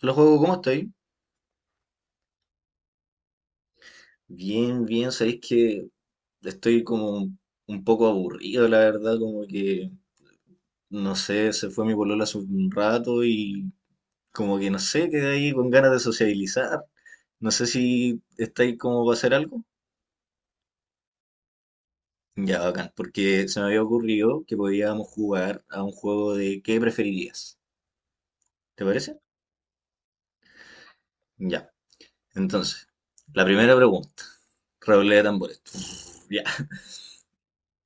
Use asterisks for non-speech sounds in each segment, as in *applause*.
Hola, juego, ¿cómo estoy? Bien, bien, sabéis que estoy como un poco aburrido, la verdad, como que, no sé, se fue mi polola hace un rato y como que, no sé, quedé ahí con ganas de sociabilizar. No sé si estáis como para hacer algo. Ya, bacán, porque se me había ocurrido que podíamos jugar a un juego de ¿qué preferirías? ¿Te parece? Ya. Entonces, la primera pregunta. Redoble de tambores. *tsk* Ya.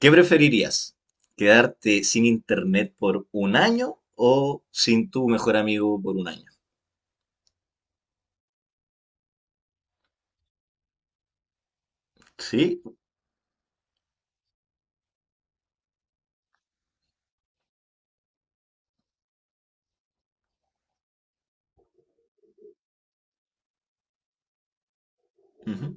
¿Qué preferirías? ¿Quedarte sin internet por un año o sin tu mejor amigo por un año? Sí. Ujú.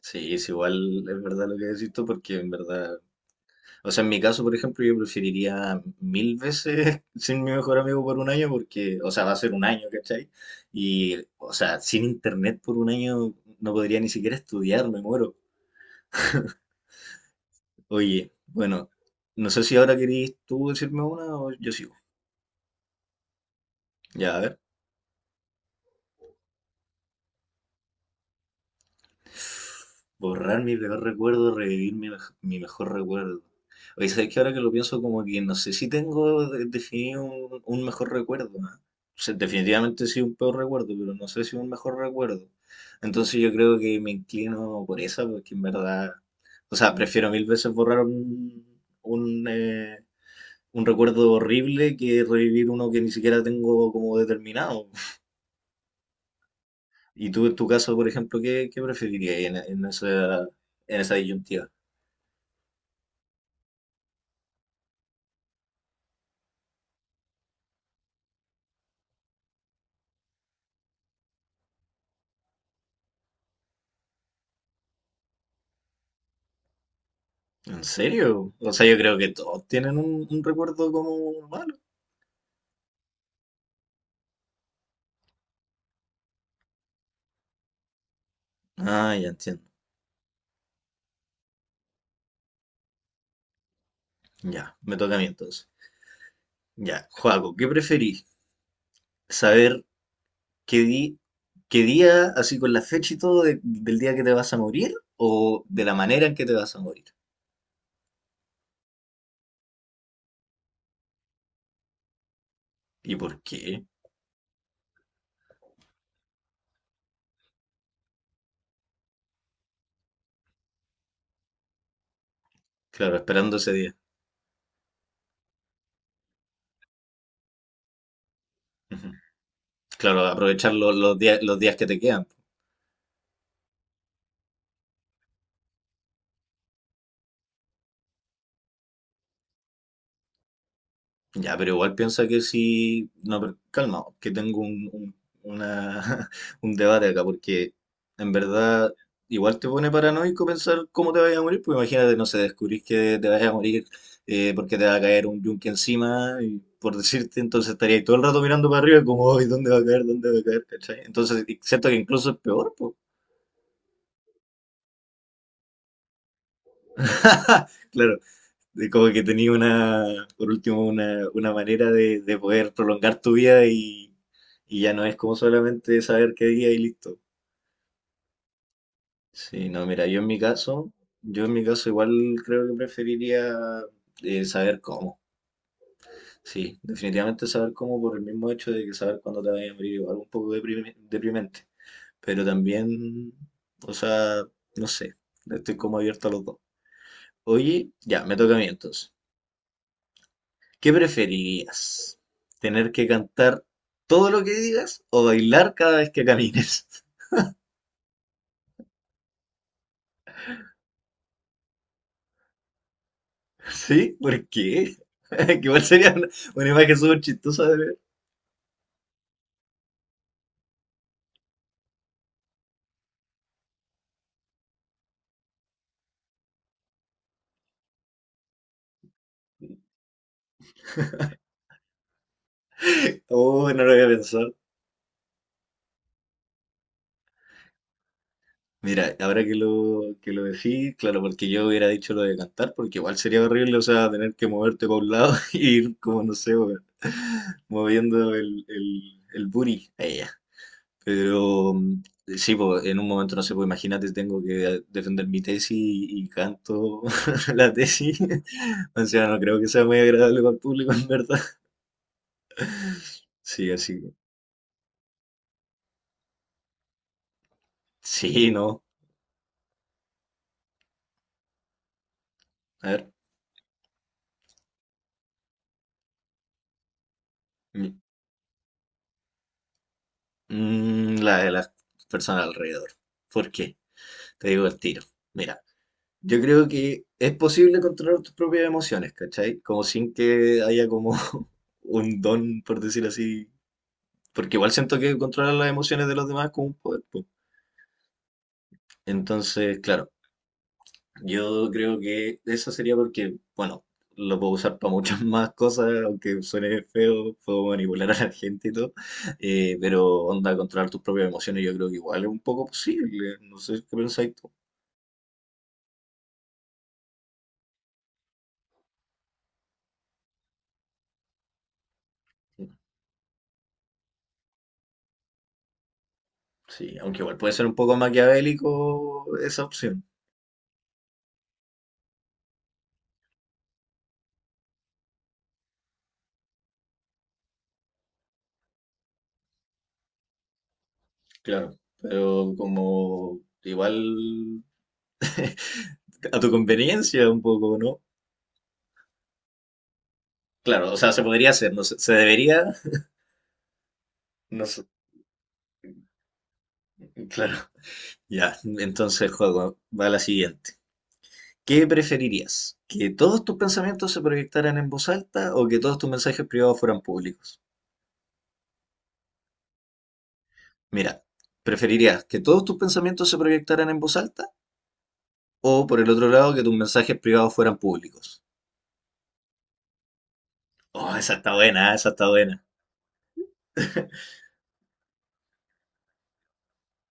Sí, es igual, es verdad lo que decís tú, porque en verdad, o sea, en mi caso, por ejemplo, yo preferiría mil veces *laughs* sin mi mejor amigo por un año, porque, o sea, va a ser un año, ¿cachai? Y, o sea, sin internet por un año no podría ni siquiera estudiar, me muero. Oye, bueno, no sé si ahora querís tú decirme una o yo sigo. Ya, a ver. Borrar mi peor recuerdo, revivir mi, mi mejor recuerdo. Oye, ¿sabes que ahora que lo pienso, como que no sé si tengo definido un mejor recuerdo, ¿no? O sea, definitivamente sí un peor recuerdo, pero no sé si un mejor recuerdo. Entonces yo creo que me inclino por esa, porque en verdad, o sea, prefiero mil veces borrar un, un, eh, un recuerdo horrible que revivir uno que ni siquiera tengo como determinado. Y tú, en tu caso, por ejemplo, ¿qué, qué preferirías en esa disyuntiva? ¿En serio? O sea, yo creo que todos tienen un recuerdo como malo. Ah, ya entiendo. Ya, me toca a mí entonces. Ya, Joaco, ¿qué preferís? ¿Saber qué, di- qué día, así con la fecha y todo, del día que te vas a morir o de la manera en que te vas a morir? ¿Y por qué? Claro, esperando ese día. Ujú. Claro, aprovechar los días que te quedan. Ya, pero igual piensa que si... No, pero calma, que tengo una- *laughs* un debate acá, porque en verdad igual te pone paranoico pensar cómo te vayas a morir, pues imagínate, no sé, descubrís que te vayas a morir porque te va a caer un yunque encima, y por decirte, entonces estaría ahí todo el rato mirando para arriba como, "Ay, ¿dónde va a caer? ¿Dónde va a caer? ¿Cachai?" Entonces, y siento que incluso es peor, pues. *laughs* Claro. De como que tenía una, por último, una manera de poder prolongar tu vida y ya no es como solamente saber qué día y listo. Sí, no, mira, yo en mi caso, yo en mi caso igual creo que preferiría saber cómo. Sí, definitivamente saber cómo por el mismo hecho de que saber cuándo te vayas a morir igual un poco deprimente. Pero también, o sea, no sé, estoy como abierto a los dos. Oye, ya, me toca a mí entonces. ¿Qué preferirías? ¿Tener que cantar todo lo que digas o bailar cada vez que camines? *laughs* ¿Sí? ¿Por qué? *laughs* Que igual sería una imagen súper chistosa de ver. Oh, no lo había pensado. Mira, ahora que que lo decís, claro, porque yo hubiera dicho lo de cantar, porque igual sería horrible, o sea, tener que moverte para un lado *laughs* y ir como, no sé, weón, moviendo el booty. Ahí ya. Pero sí, pues en un momento no sé, pues imagínate, tengo que defender mi tesis y canto *laughs* la tesis. *laughs* O sea, no creo que sea muy agradable para el público, *laughs* en verdad. Sí, así que. Sí, no. A ver. mi- la de las personas alrededor. ¿Por qué? Te digo el tiro. Mira, yo creo que es posible controlar tus propias emociones, ¿cachai? Como sin que haya como *laughs* un don, por decir así. Porque igual siento que controlar las emociones de los demás es como un poder, po. Entonces, claro, yo creo que eso sería porque, bueno, lo puedo usar para muchas *laughs* más cosas, aunque suene feo, puedo manipular a la gente y todo, pero onda, controlar tus propias emociones yo creo que igual es un poco posible, no sé qué pensáis tú. Sí, aunque igual puede ser un poco maquiavélico esa opción, claro, pero como igual a tu conveniencia un poco, ¿no? Claro, o sea, se podría hacer, no sé, se debería, no sé, claro. Ya, entonces, juego, va la siguiente. ¿Qué preferirías? ¿Que todos tus pensamientos se proyectaran en voz alta o que todos tus mensajes privados fueran públicos? Mira, ¿preferirías que todos tus pensamientos se proyectaran en voz alta o por el otro lado que tus mensajes privados fueran públicos? Oh, esa está buena, esa está buena. *laughs*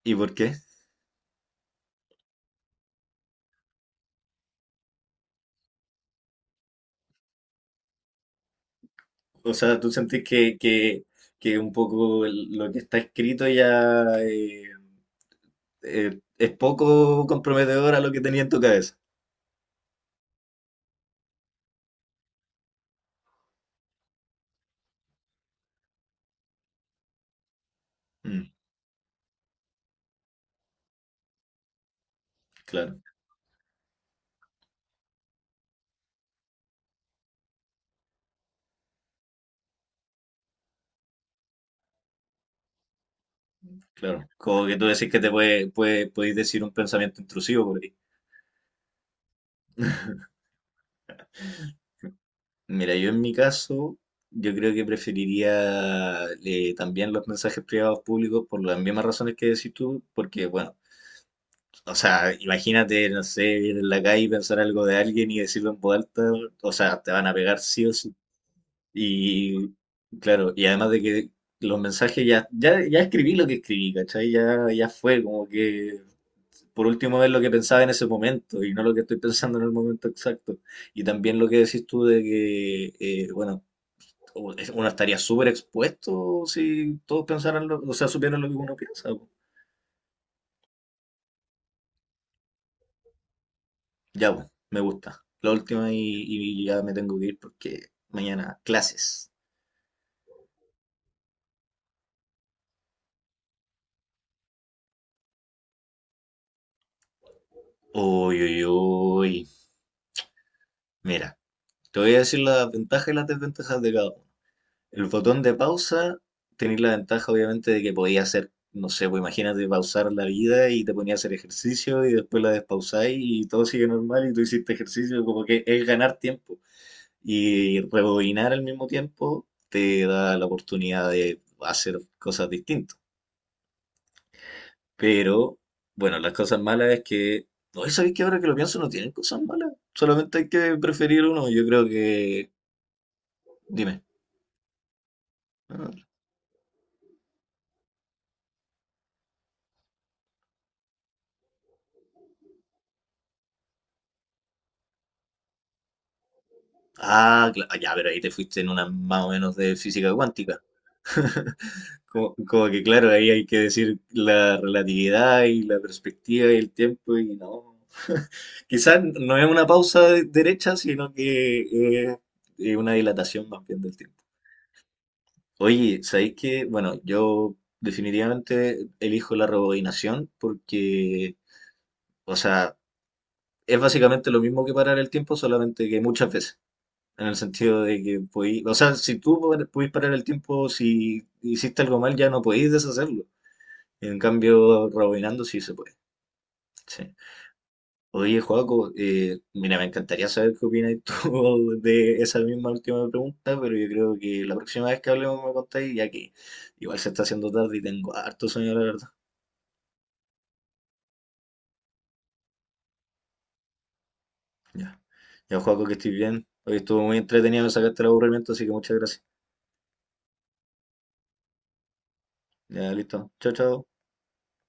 ¿Y por qué? O sea, ¿tú sentís que un poco lo que está escrito ya es poco comprometedor a lo que tenía en tu cabeza? Mm, claro. Claro, como que tú decís que te podéis decir un pensamiento intrusivo por ahí. *laughs* Mira, yo en mi caso, yo creo que preferiría también los mensajes privados públicos por las mismas razones que decís tú, porque, bueno, o sea, imagínate, no sé, ir en la calle y pensar algo de alguien y decirlo en voz alta, o sea, te van a pegar sí o sí. Y, claro, y además de que los mensajes ya escribí lo que escribí, ¿cachai? Ya, ya fue, como que por último ver lo que pensaba en ese momento y no lo que estoy pensando en el momento exacto. Y también lo que decís tú de que, bueno, uno estaría súper expuesto si todos pensaran, o sea, supieran lo que uno piensa, po. Ya, po, me gusta. La última y ya me tengo que ir porque mañana clases. Uy, uy, uy. Mira, te voy a decir las ventajas y las desventajas de cada uno. El botón de pausa, tenéis la ventaja obviamente de que podéis hacer, no sé, pues imagínate pausar la vida y te ponía a hacer ejercicio y después la despausáis y todo sigue normal y tú hiciste ejercicio, como que es ganar tiempo. Y rebobinar al mismo tiempo te da la oportunidad de hacer cosas distintas. Pero, bueno, las cosas malas es que, no, ¿sabéis que ahora que lo pienso no tienen cosas malas? Solamente hay que preferir uno, yo creo que... Dime. Ah, ya, pero ahí te fuiste en una más o menos de física cuántica. *laughs* Como, como que claro, ahí hay que decir la relatividad y la perspectiva y el tiempo y no. *laughs* Quizás no es una pausa derecha, sino que es una dilatación más bien del tiempo. Oye, ¿sabéis que, bueno, yo definitivamente elijo la rebobinación porque, o sea, es básicamente lo mismo que parar el tiempo, solamente que muchas veces. En el sentido de que podí, o sea, si tú podís parar el tiempo, si hiciste algo mal, ya no podís deshacerlo. En cambio, rebobinando sí se puede. Sí. Oye, Joaco, mira, me encantaría saber qué opinas tú *laughs* de esa misma última pregunta, pero yo creo que la próxima vez que hablemos me contáis, ya que igual se está haciendo tarde y tengo harto sueño, la verdad. Ya, ya, Joaco, que estés bien. Hoy estuvo muy entretenido, me sacaste el aburrimiento, así que muchas gracias. Ya, listo. Chao, chao.